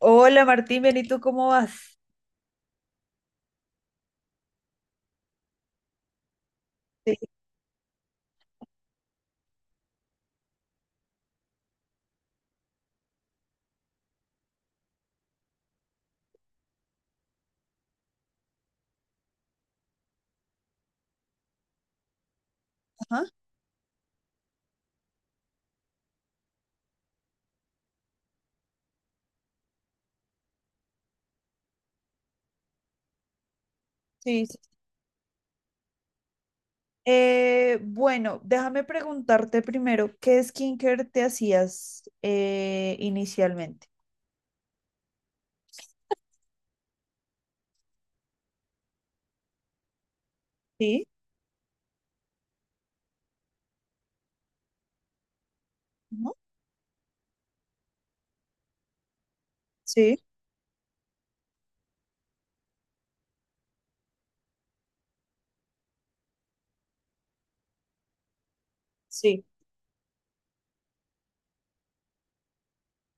Hola Martín, bien, ¿y tú cómo vas? Sí. Ajá, sí. Bueno, déjame preguntarte primero, ¿qué skincare te hacías inicialmente? Sí, ujú, sí, sí.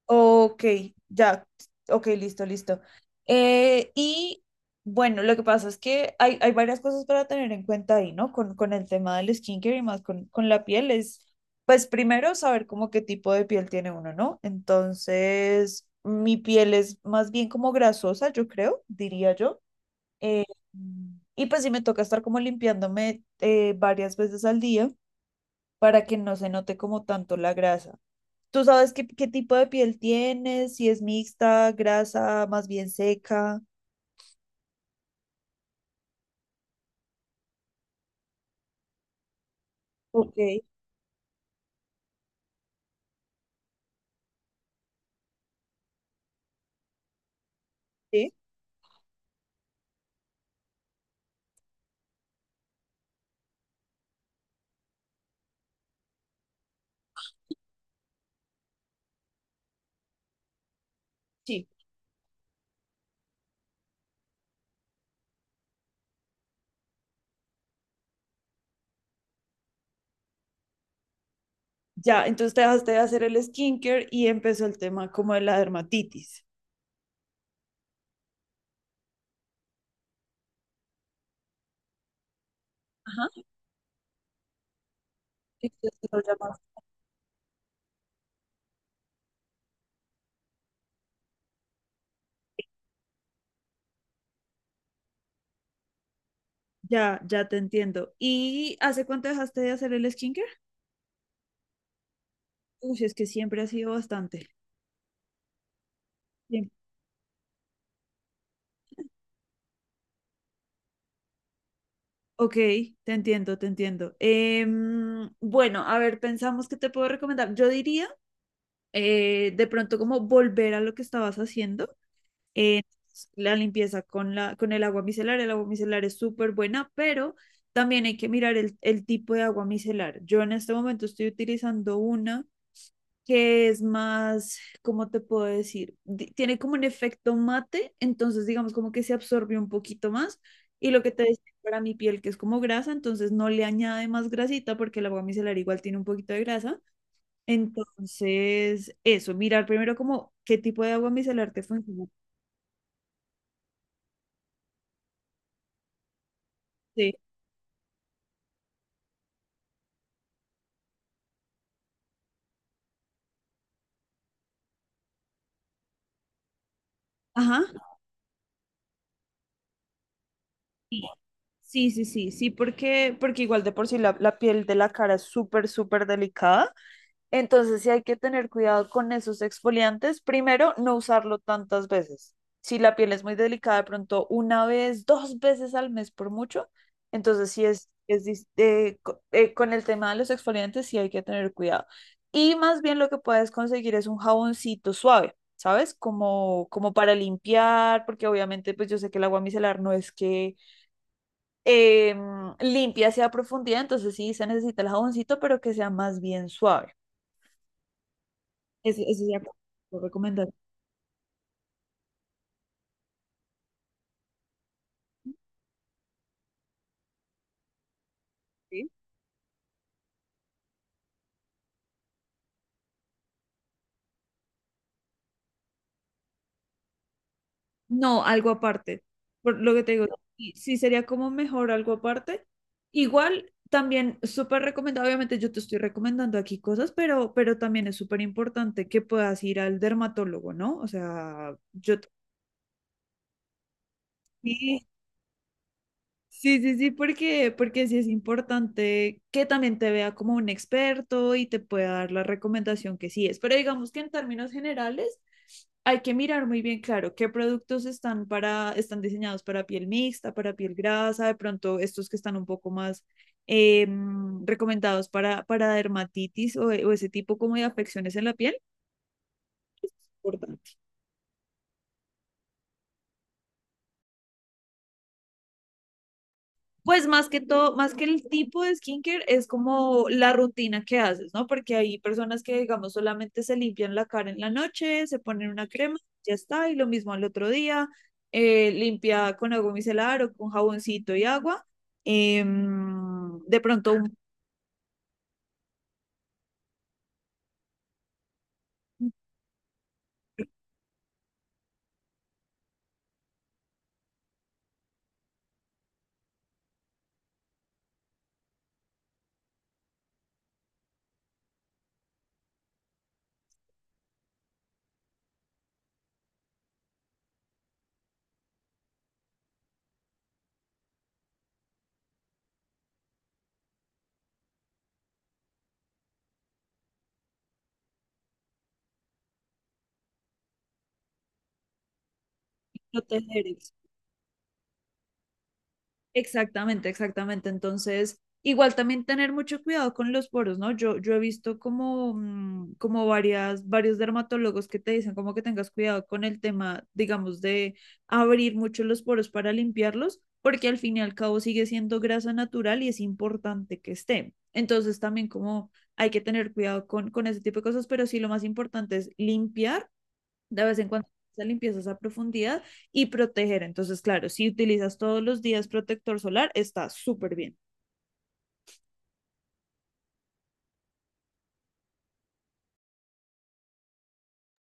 Ok, ya, ok, listo, listo. Eh, y bueno, lo que pasa es que hay varias cosas para tener en cuenta ahí, ¿no? Con el tema del skincare y más con la piel es, pues primero saber como qué tipo de piel tiene uno, ¿no? Entonces, mi piel es más bien como grasosa, yo creo, diría yo. Eh, y pues sí me toca estar como limpiándome varias veces al día para que no se note como tanto la grasa. ¿Tú sabes qué tipo de piel tienes? Si es mixta, grasa, más bien seca. Ok, sí, sí. Ya, entonces te dejaste de hacer el skincare y empezó el tema como de la dermatitis. Ajá, exacto, lo llamas. Ya, ya te entiendo. ¿Y hace cuánto dejaste de hacer el skincare? Uy, es que siempre ha sido bastante. Bien. Ok, te entiendo, te entiendo. Bueno, a ver, pensamos que te puedo recomendar. Yo diría de pronto como volver a lo que estabas haciendo. Eh, la limpieza con la, con el agua micelar. El agua micelar es súper buena, pero también hay que mirar el tipo de agua micelar. Yo en este momento estoy utilizando una que es más, ¿cómo te puedo decir? Tiene como un efecto mate, entonces digamos como que se absorbe un poquito más. Y lo que te decía para mi piel, que es como grasa, entonces no le añade más grasita porque el agua micelar igual tiene un poquito de grasa. Entonces, eso, mirar primero como qué tipo de agua micelar te funciona. Sí. Ajá. Sí, sí, porque, porque igual de por sí la piel de la cara es súper, súper delicada. Entonces sí hay que tener cuidado con esos exfoliantes. Primero, no usarlo tantas veces. Si la piel es muy delicada, de pronto una vez, dos veces al mes por mucho. Entonces sí es, con el tema de los exfoliantes sí hay que tener cuidado. Y más bien lo que puedes conseguir es un jaboncito suave. ¿Sabes? Como, como para limpiar, porque obviamente pues yo sé que el agua micelar no es que eh, limpia sea profundidad, entonces sí se necesita el jaboncito, pero que sea más bien suave. Eso sería como tu recomendación. Sí. No, algo aparte. Por lo que te digo, sí, sí sería como mejor algo aparte. Igual, también súper recomendado, obviamente yo te estoy recomendando aquí cosas, pero también es súper importante que puedas ir al dermatólogo, ¿no? O sea, yo... te- Sí, sí, sí, porque, porque sí es importante que también te vea como un experto y te pueda dar la recomendación que sí es. Pero digamos que en términos generales hay que mirar muy bien, claro, qué productos están para, están diseñados para piel mixta, para piel grasa, de pronto estos que están un poco más eh, recomendados para dermatitis o ese tipo como de afecciones en la piel. Importante. Pues más que todo, más que el tipo de skincare, es como la rutina que haces, ¿no? Porque hay personas que, digamos, solamente se limpian la cara en la noche, se ponen una crema, ya está, y lo mismo al otro día, limpia con agua micelar o con jaboncito y agua. De pronto, un proteger. Exactamente, exactamente. Entonces, igual también tener mucho cuidado con los poros, ¿no? Yo he visto como, como varias, varios dermatólogos que te dicen como que tengas cuidado con el tema, digamos, de abrir mucho los poros para limpiarlos, porque al fin y al cabo sigue siendo grasa natural y es importante que esté. Entonces, también como hay que tener cuidado con ese tipo de cosas, pero sí lo más importante es limpiar de vez en cuando esa limpieza, esa profundidad y proteger. Entonces, claro, si utilizas todos los días protector solar, está súper bien.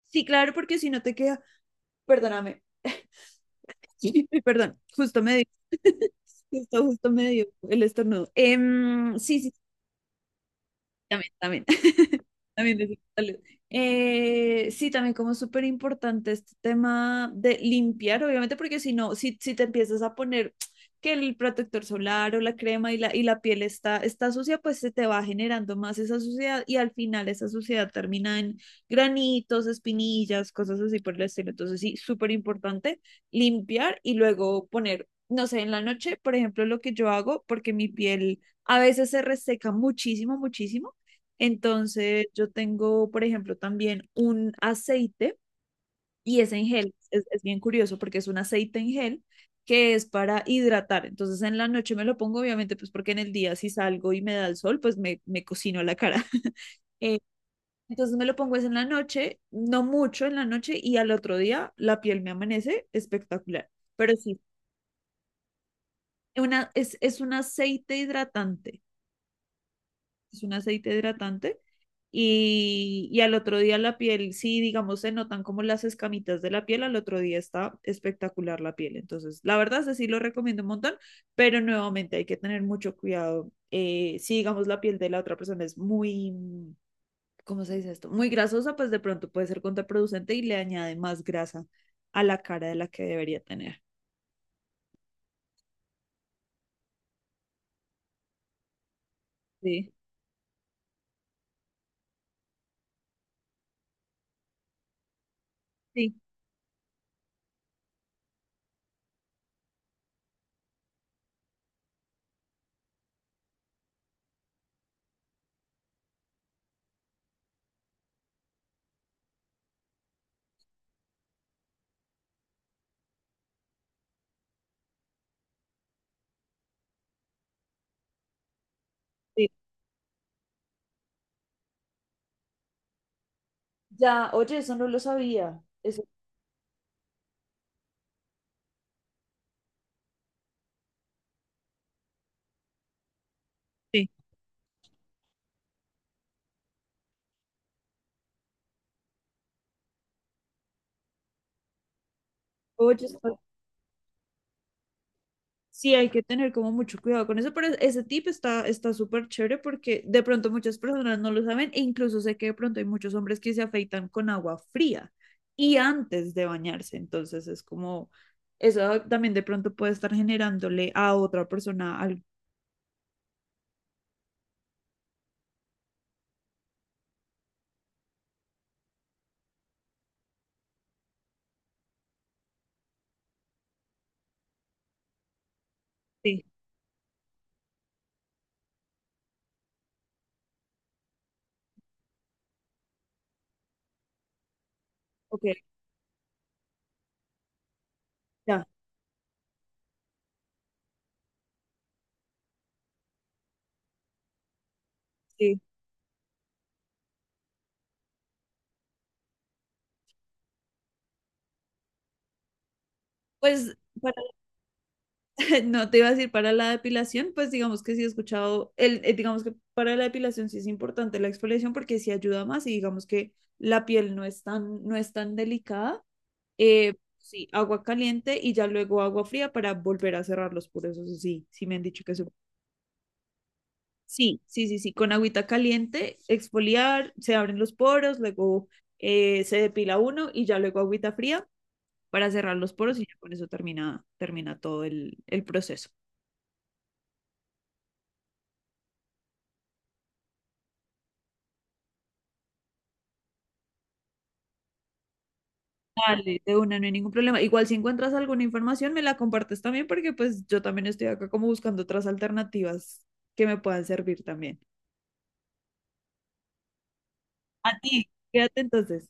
Sí, claro, porque si no te queda, perdóname, perdón, justo me dio, justo, justo me dio el estornudo. Sí, sí, sí, también, también. También de salud. Sí, también como súper importante este tema de limpiar, obviamente, porque si no, si, si te empiezas a poner que el protector solar o la crema y la piel está, está sucia, pues se te va generando más esa suciedad y al final esa suciedad termina en granitos, espinillas, cosas así por el estilo. Entonces, sí, súper importante limpiar y luego poner, no sé, en la noche, por ejemplo, lo que yo hago, porque mi piel a veces se reseca muchísimo, muchísimo. Entonces, yo tengo, por ejemplo, también un aceite y es en gel. Es bien curioso porque es un aceite en gel que es para hidratar. Entonces, en la noche me lo pongo, obviamente, pues porque en el día si salgo y me da el sol, pues me cocino la cara. Eh, entonces me lo pongo es en la noche, no mucho en la noche y al otro día la piel me amanece espectacular. Pero sí, una, es un aceite hidratante. Es un aceite hidratante. Al otro día la piel, sí, digamos, se notan como las escamitas de la piel, al otro día está espectacular la piel. Entonces, la verdad, sí lo recomiendo un montón, pero nuevamente hay que tener mucho cuidado. Si, digamos, la piel de la otra persona es muy, ¿cómo se dice esto? Muy grasosa, pues de pronto puede ser contraproducente y le añade más grasa a la cara de la que debería tener. Sí, sí, sí. Ya, oye, eso no lo sabía. Eso, sí. Oye, eso sí, hay que tener como mucho cuidado con eso, pero ese tip está está súper chévere porque de pronto muchas personas no lo saben e incluso sé que de pronto hay muchos hombres que se afeitan con agua fría y antes de bañarse, entonces es como eso también de pronto puede estar generándole a otra persona algo. Sí, ok, ya, sí. Pues no te iba a decir para la depilación, pues digamos que sí he escuchado, digamos que para la depilación sí es importante la exfoliación porque sí ayuda más y digamos que la piel no es tan, no es tan delicada. Sí, agua caliente y ya luego agua fría para volver a cerrar los poros, eso sí, sí me han dicho que eso. Sí, sí, sí, sí, con agüita caliente, exfoliar, se abren los poros, luego se depila uno y ya luego agüita fría para cerrar los poros y ya con eso termina, termina todo el proceso. Dale, de una, no hay ningún problema. Igual si encuentras alguna información, me la compartes también porque pues yo también estoy acá como buscando otras alternativas que me puedan servir también. A ti, quédate entonces.